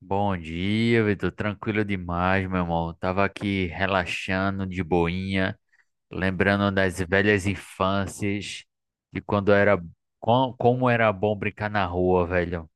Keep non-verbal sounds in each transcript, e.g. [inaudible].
Bom dia, Vitor. Tranquilo demais, meu irmão. Tava aqui relaxando de boinha, lembrando das velhas infâncias, de quando era, como era bom brincar na rua, velho.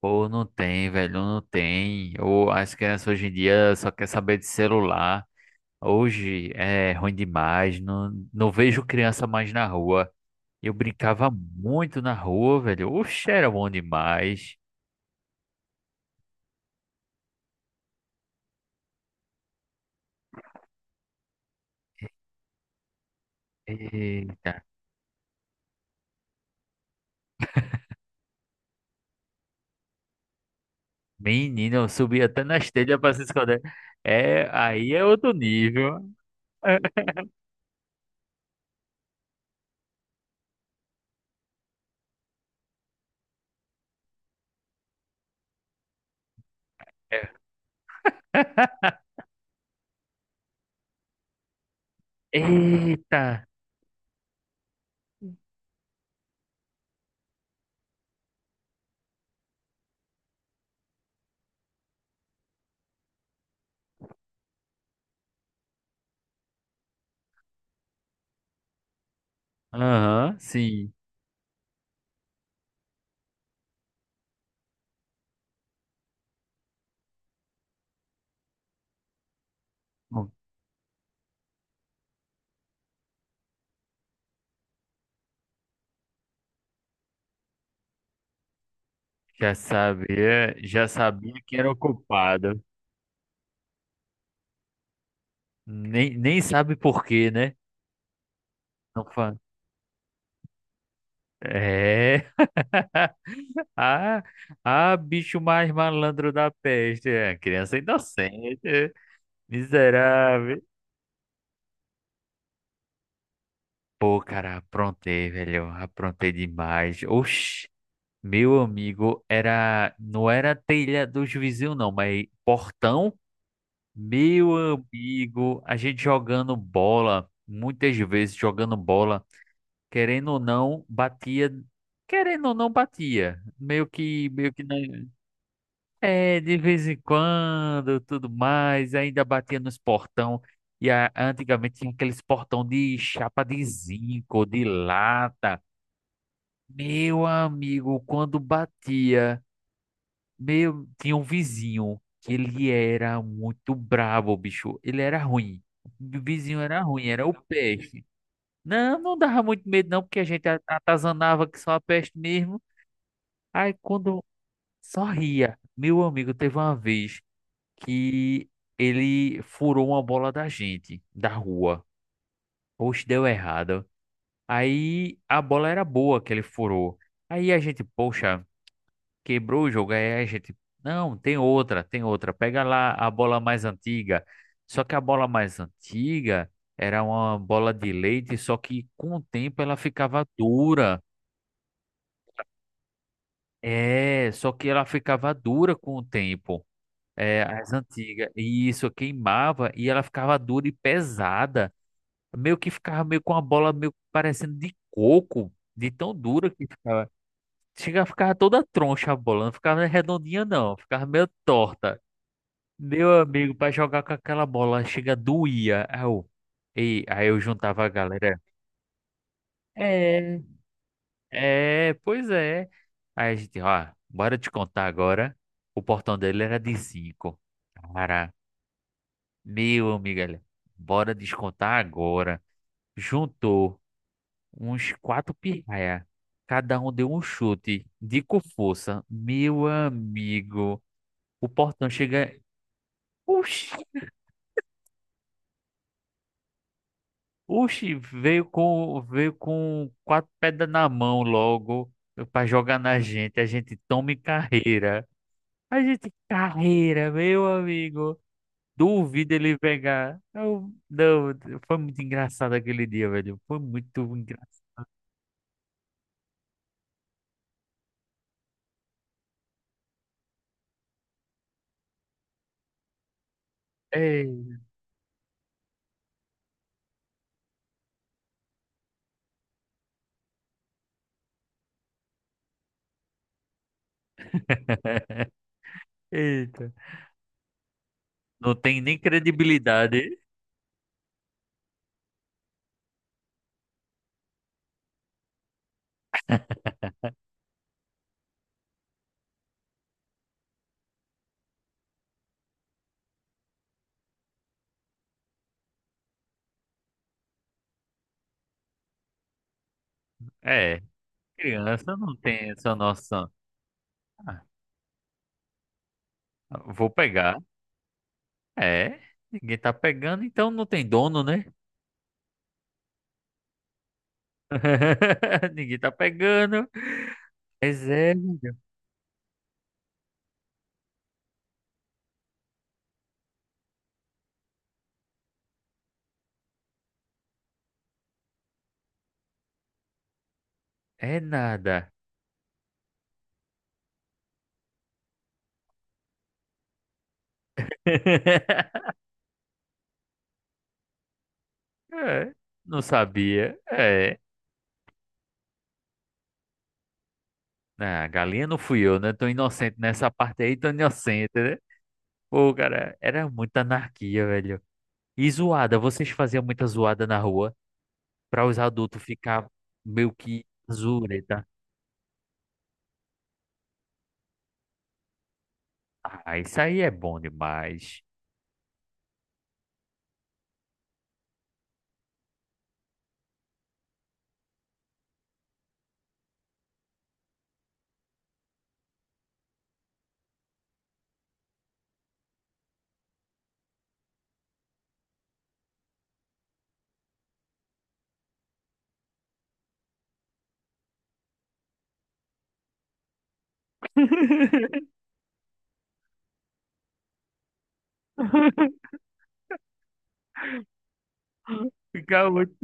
Pô, não tem, velho, não tem. Ou as crianças hoje em dia só quer saber de celular. Hoje é ruim demais, não vejo criança mais na rua. Eu brincava muito na rua, velho. Oxe, era bom demais. Eita. Menino, eu subi até na telhas pra se esconder. É, aí é outro nível. [laughs] Eita! Aham, sim. Bom, já sabia, já sabia que era o culpado. Nem sabe por quê, né? Não fa... É. [laughs] Ah, ah, bicho mais malandro da peste. É, criança inocente. Miserável. Pô, cara, aprontei, velho. Aprontei demais. Oxi. Meu amigo, não era telha dos vizinhos não, mas portão. Meu amigo, a gente jogando bola, muitas vezes jogando bola, querendo ou não, batia, querendo ou não batia. Meio que não, é, de vez em quando, tudo mais, ainda batia nos portão. Antigamente tinha aqueles portão de chapa de zinco, de lata. Meu amigo, quando batia. Meu, tinha um vizinho que ele era muito brabo, bicho. Ele era ruim. O vizinho era ruim, era o peste. Não, não dava muito medo não, porque a gente atazanava que só a peste mesmo. Aí quando só ria. Meu amigo, teve uma vez que ele furou uma bola da gente, da rua. Poxa, deu errado. Aí a bola era boa que ele furou. Aí a gente, poxa, quebrou o jogo. Aí a gente, não, tem outra. Pega lá a bola mais antiga. Só que a bola mais antiga era uma bola de leite, só que com o tempo ela ficava dura. É, só que ela ficava dura com o tempo. É, as antigas. E isso queimava e ela ficava dura e pesada. Meio que ficava meio com a bola meio parecendo de coco, de tão dura que ficava. Chega, ficava toda troncha a bola, não ficava redondinha não, ficava meio torta. Meu amigo, pra jogar com aquela bola, chega doía. Aí eu juntava a galera. É. É, pois é. Aí a gente, ó, bora te contar agora. O portão dele era de 5 Cara, meu amigo, olha, bora descontar agora. Juntou uns quatro pirraia. Cada um deu um chute de com força. Meu amigo, o portão chega. Oxi! Oxi, veio com quatro pedras na mão logo pra jogar na gente. A gente toma em carreira. A gente carreira, meu amigo. Duvido ele pegar. Eu- não, foi muito engraçado aquele dia, velho. Foi muito engraçado. Ei. [laughs] Eita. Não tem nem credibilidade. É, criança não tem essa noção. Ah, vou pegar. É, ninguém tá pegando, então não tem dono, né? [laughs] Ninguém tá pegando. Mas é, velho. É nada. [laughs] É, não sabia. É. Ah, galinha não fui eu, né? Tô inocente nessa parte aí, tô inocente, né? Pô, cara, era muita anarquia, velho. E zoada, vocês faziam muita zoada na rua pra os adultos ficar meio que zureta. Ah, isso aí é bom demais. [laughs] Ficar muito.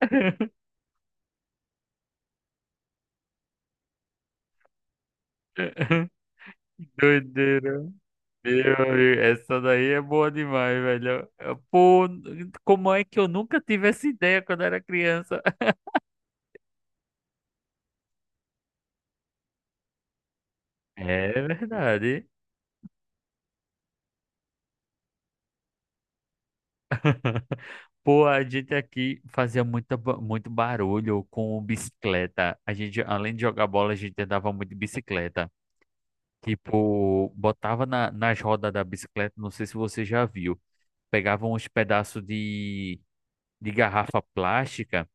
[laughs] Doideira. Meu amigo, essa daí é boa demais, velho. Pô, como é que eu nunca tive essa ideia quando era criança? [laughs] É verdade. Pô, a gente aqui fazia muito barulho com bicicleta. A gente, além de jogar bola, a gente andava muito de bicicleta. Tipo, botava nas rodas da bicicleta, não sei se você já viu. Pegava de garrafa plástica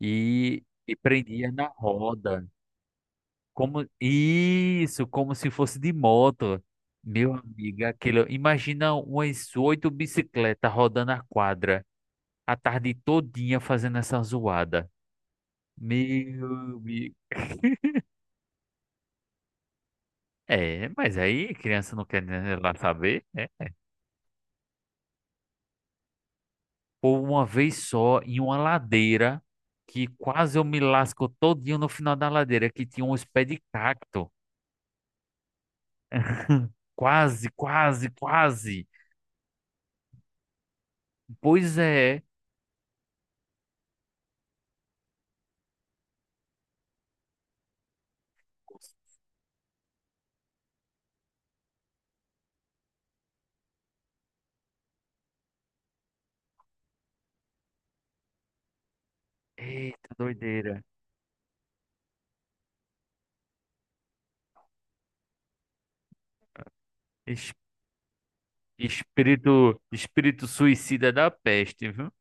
e prendia na roda. Como isso, como se fosse de moto. Meu amigo, aquilo, imagina umas oito bicicletas rodando a quadra a tarde todinha fazendo essa zoada. Meu amigo. É, mas aí criança não quer nem lá saber, né? Ou uma vez só em uma ladeira que quase eu me lasco todinho no final da ladeira que tinha uns pés de cacto. Quase, quase, quase. Pois é. Eita, doideira. Espírito, espírito suicida da peste, viu?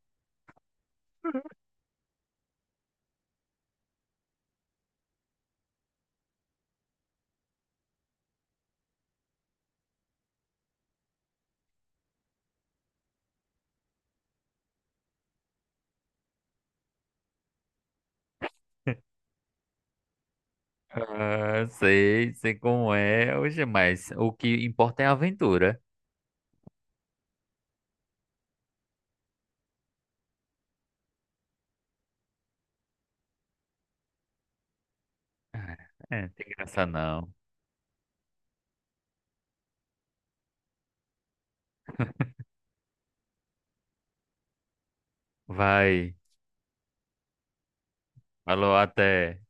Ah, sei, sei como é. Hoje, mas o que importa é a aventura. Ah, é, não tem graça não. Vai. Falou, até.